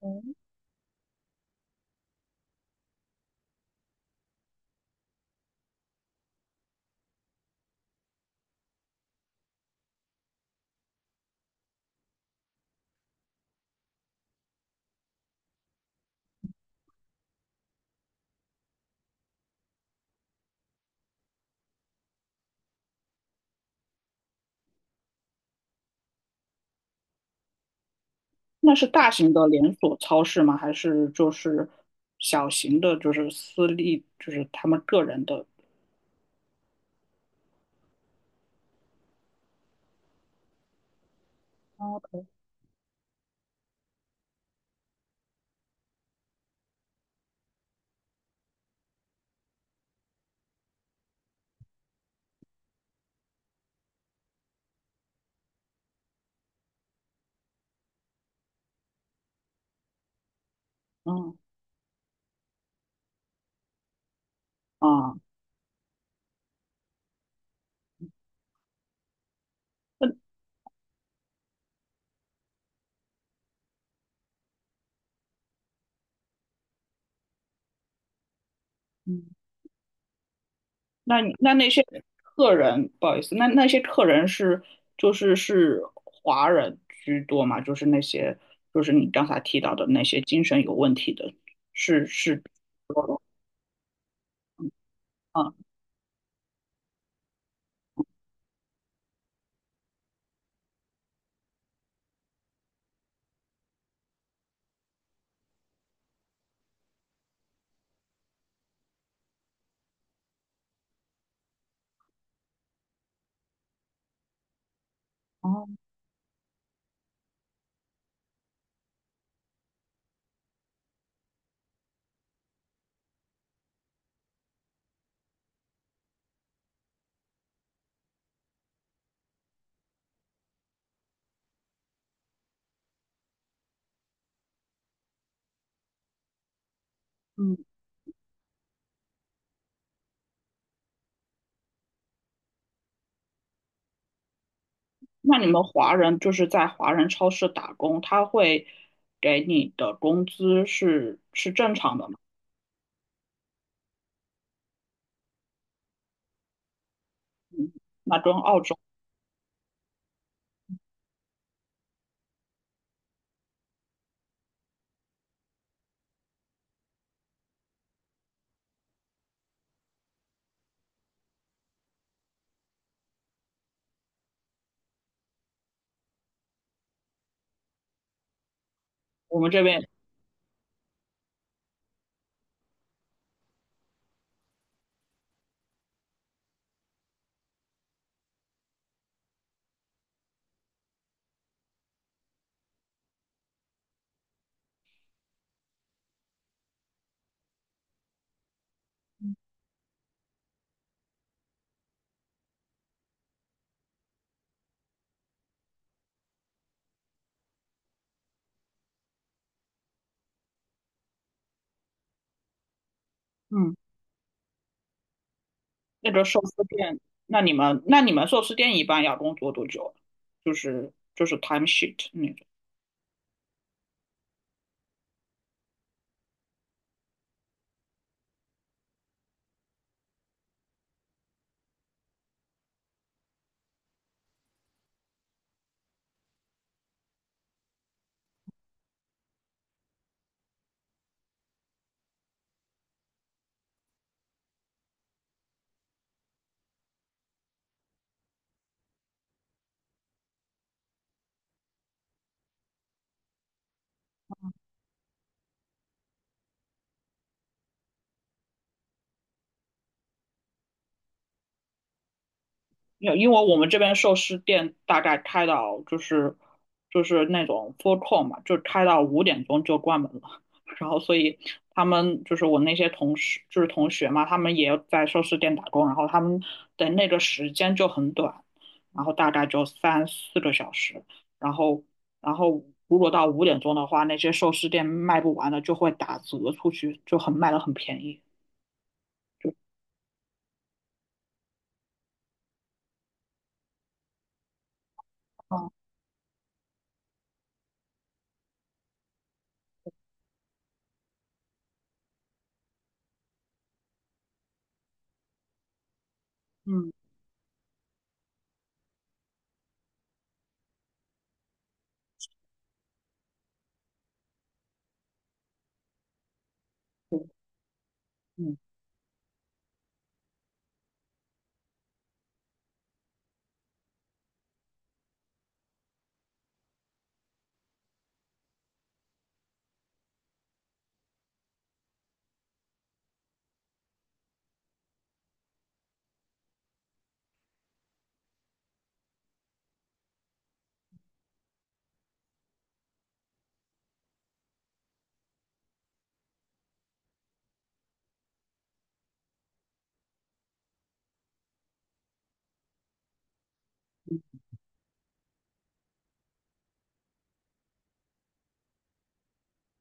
哦，那是大型的连锁超市吗？还是就是小型的，就是私立，就是他们个人的？哦，嗯啊，嗯，那你那些客人，不好意思，那些客人是就是是华人居多嘛？就是那些就是你刚才提到的那些精神有问题的，是是，嗯。哦，那你们华人就是在华人超市打工，他会给你的工资是正常的吗？那跟澳洲我们这边。嗯。那个寿司店，那你们寿司店一般要工作多久啊？就是就是 time sheet。嗯。因为我们这边寿司店大概开到就是就是那种 full call 嘛，就开到五点钟就关门了。然后所以他们就是我那些同事就是同学嘛，他们也在寿司店打工，然后他们的那个时间就很短，然后大概就三四个小时。然后然后如果到五点钟的话，那些寿司店卖不完的就会打折出去，就很卖的很便宜。哦，嗯，对，嗯。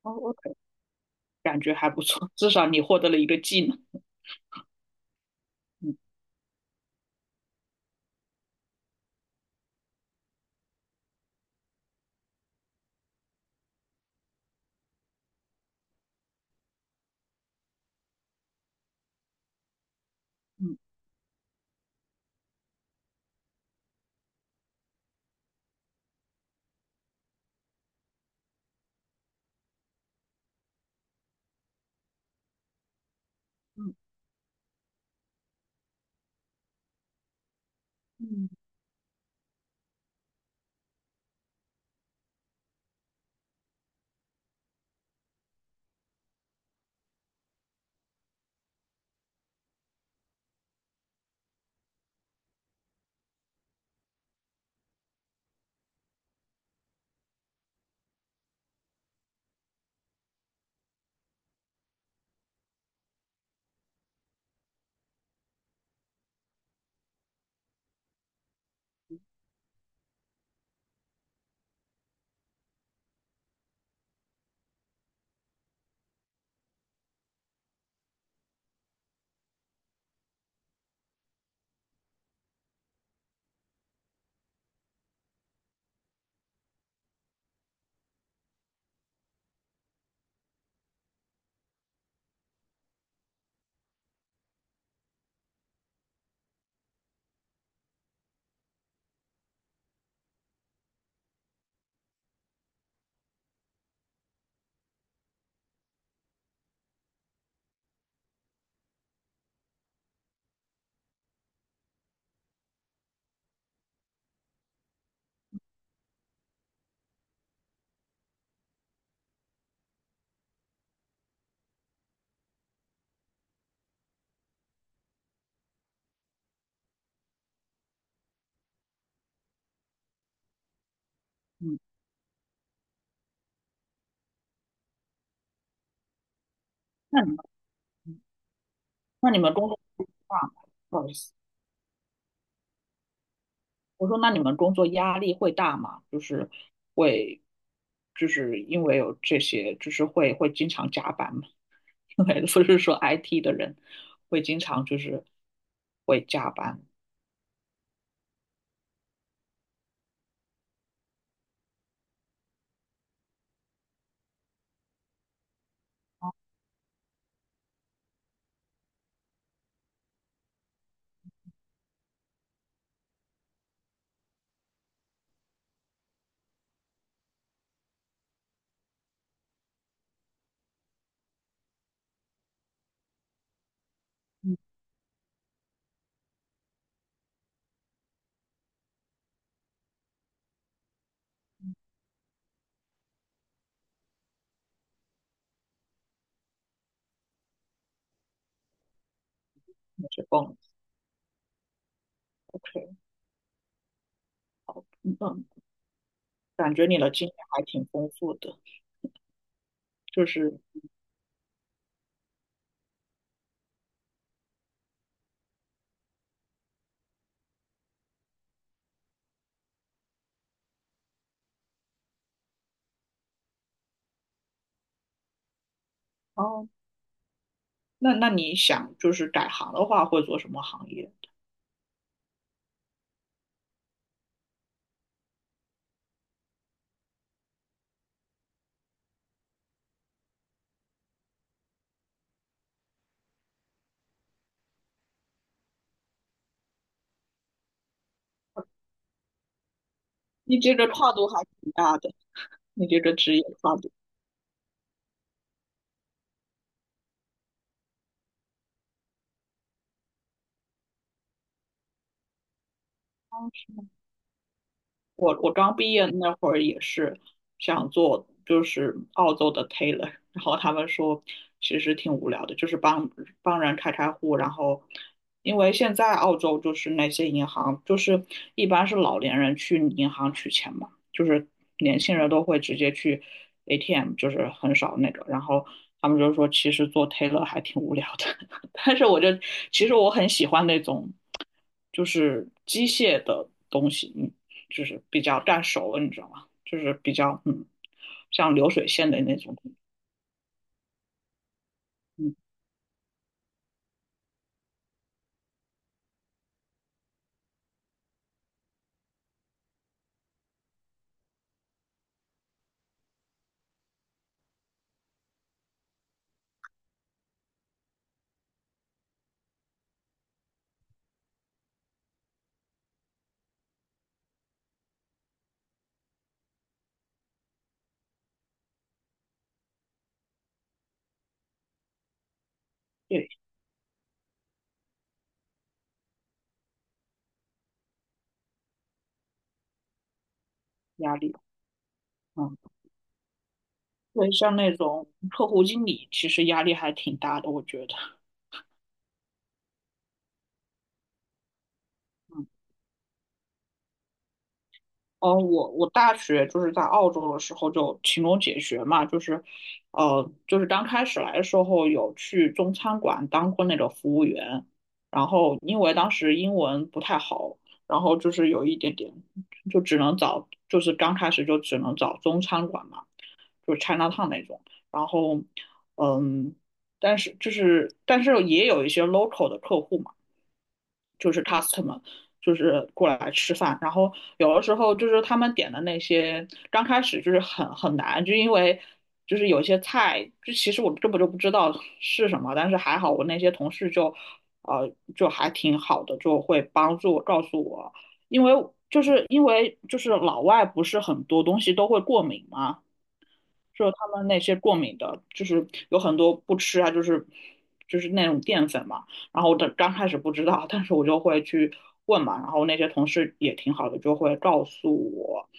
哦，我感觉还不错，至少你获得了一个技能。嗯嗯嗯嗯嗯。那你们工作大吗？不好意思。我说那你们工作压力会大吗？就是会，就是因为有这些，就是会经常加班吗？因为不是说 IT 的人会经常就是会加班。那是工 OK,嗯嗯，感觉你的经验还挺丰富的，就是。哦，那那你想就是改行的话，会做什么行业？你这个跨度还挺大的，你这个职业跨度。哦是吗，我刚毕业那会儿也是想做，就是澳洲的 tailor。然后他们说其实挺无聊的，就是帮人开开户，然后因为现在澳洲就是那些银行，就是一般是老年人去银行取钱嘛，就是年轻人都会直接去 ATM,就是很少那个，然后他们就说其实做 tailor 还挺无聊的。但是我就其实我很喜欢那种就是机械的东西，嗯就是比较干熟了，你知道吗？就是比较，嗯，像流水线的那种。嗯，对，压力，嗯，对，像那种客户经理，其实压力还挺大的，我觉得。嗯，哦，我大学就是在澳洲的时候就勤工俭学嘛，就是，就是刚开始来的时候有去中餐馆当过那个服务员，然后因为当时英文不太好。然后就是有一点点，就只能找，就是刚开始就只能找中餐馆嘛。就是 Chinatown 那种。然后，嗯，但是就是但是也有一些 local 的客户嘛，就是 customer,就是过来吃饭。然后有的时候就是他们点的那些，刚开始就是很难，就因为就是有些菜，就其实我根本就不知道是什么，但是还好我那些同事就，呃，就还挺好的，就会帮助我告诉我。因为。就是因为就是老外不是很多东西都会过敏嘛，就是他们那些过敏的，就是有很多不吃啊，就是就是那种淀粉嘛。然后我的刚开始不知道，但是我就会去问嘛。然后那些同事也挺好的，就会告诉我。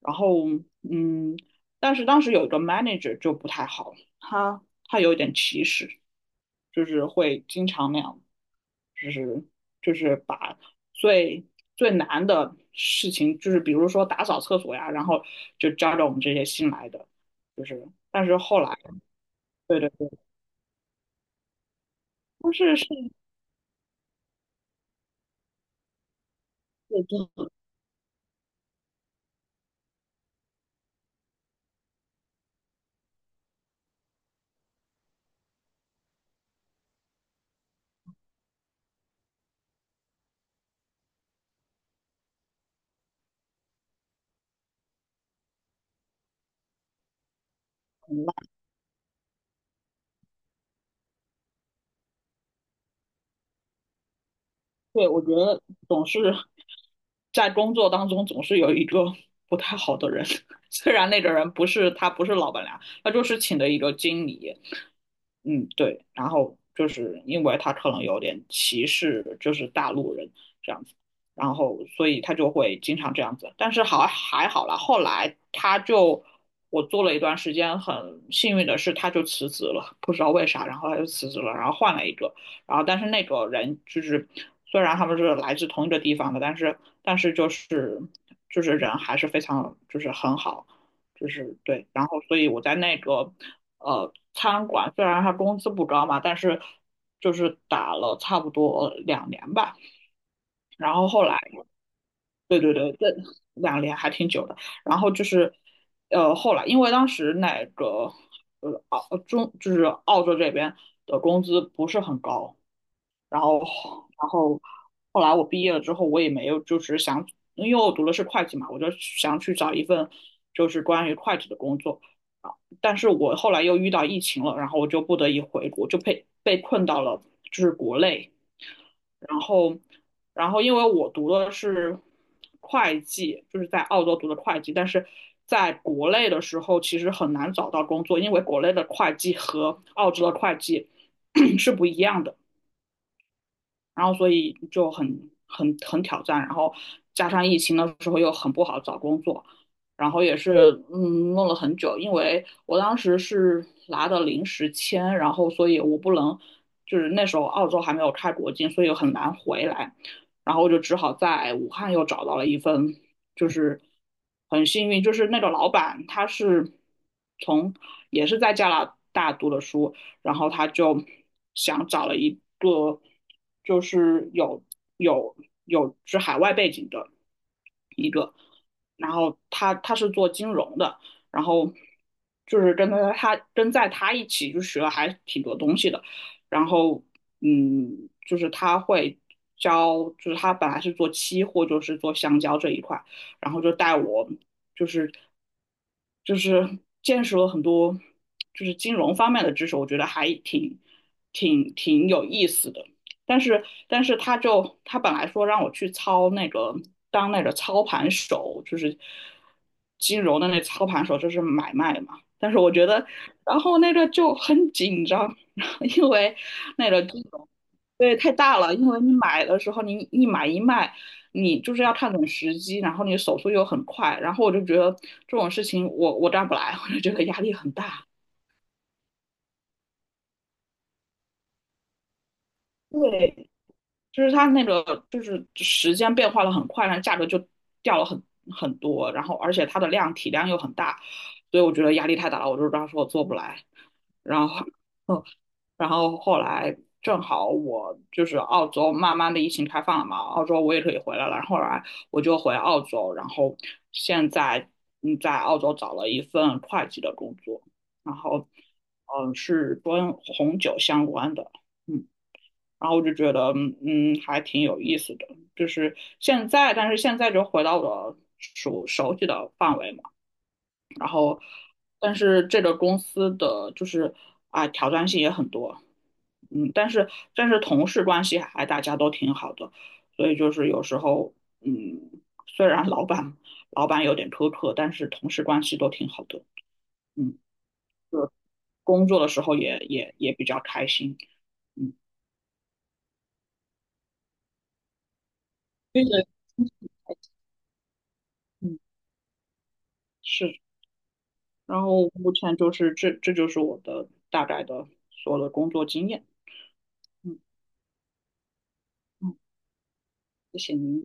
然后嗯，但是当时有一个 manager 就不太好，他有一点歧视，就是会经常那样，就是就是把最最难的事情，就是比如说打扫厕所呀，然后就交给我们这些新来的。就是，但是后来，对对对，但是是真的很慢。对，我觉得总是在工作当中总是有一个不太好的人。虽然那个人不是他不是老板娘，他就是请的一个经理，嗯，对，然后就是因为他可能有点歧视，就是大陆人这样子，然后所以他就会经常这样子，但是好还好啦，后来我做了一段时间，很幸运的是他就辞职了，不知道为啥，然后他就辞职了，然后换了一个。然后但是那个人就是虽然他们是来自同一个地方的，但是就是就是人还是非常就是很好。就是对，然后所以我在那个餐馆，虽然他工资不高嘛，但是就是打了差不多两年吧。然后后来两年还挺久的。然后就是，后来因为当时那个澳中就是澳洲这边的工资不是很高，然后然后后来我毕业了之后，我也没有就是想，因为我读的是会计嘛，我就想去找一份就是关于会计的工作。啊，但是我后来又遇到疫情了，然后我就不得已回国，就被困到了就是国内。然后，然后因为我读的是会计，就是在澳洲读的会计，但是在国内的时候其实很难找到工作，因为国内的会计和澳洲的会计 是不一样的。然后所以就很挑战，然后加上疫情的时候又很不好找工作，然后也是嗯弄了很久，因为我当时是拿的临时签，然后所以我不能就是那时候澳洲还没有开国境，所以很难回来，然后我就只好在武汉又找到了一份，就是很幸运，就是那个老板他是从也是在加拿大读的书，然后他就想找了一个就是有有是海外背景的。然后他是做金融的，然后就是跟他跟在他一起就学了还挺多东西的，然后嗯，就是他会教，就是他本来是做期货，就是做香蕉这一块，然后就带我就是就是见识了很多就是金融方面的知识，我觉得还挺有意思的。但是他就他本来说让我去操那个当那个操盘手，就是金融的那操盘手，就是买卖嘛。但是我觉得，然后那个就很紧张。因为那个金融对太大了，因为你买的时候你一买一卖。你就是要看准时机，然后你手速又很快，然后我就觉得这种事情我干不来，我就觉得压力很大。对，就是它那个就是时间变化的很快，然后价格就掉了很多，然后而且它的量体量又很大，所以我觉得压力太大了，我就当时我做不来。然后，嗯，然后后来正好我就是澳洲慢慢的疫情开放了嘛，澳洲我也可以回来了，然后后来我就回澳洲，然后现在嗯在澳洲找了一份会计的工作，然后嗯是跟红酒相关的。嗯。然后我就觉得，嗯，嗯还挺有意思的。就是现在，但是现在就回到了熟悉的范围嘛。然后，但是这个公司的就是啊，挑战性也很多。嗯，但是同事关系还大家都挺好的，所以就是有时候，嗯，虽然老板有点苛刻，但是同事关系都挺好的。嗯，工作的时候也比较开心。嗯，并且嗯，是。然后目前就是这，这就是我的大概的所有的工作经验。嗯嗯，谢谢您。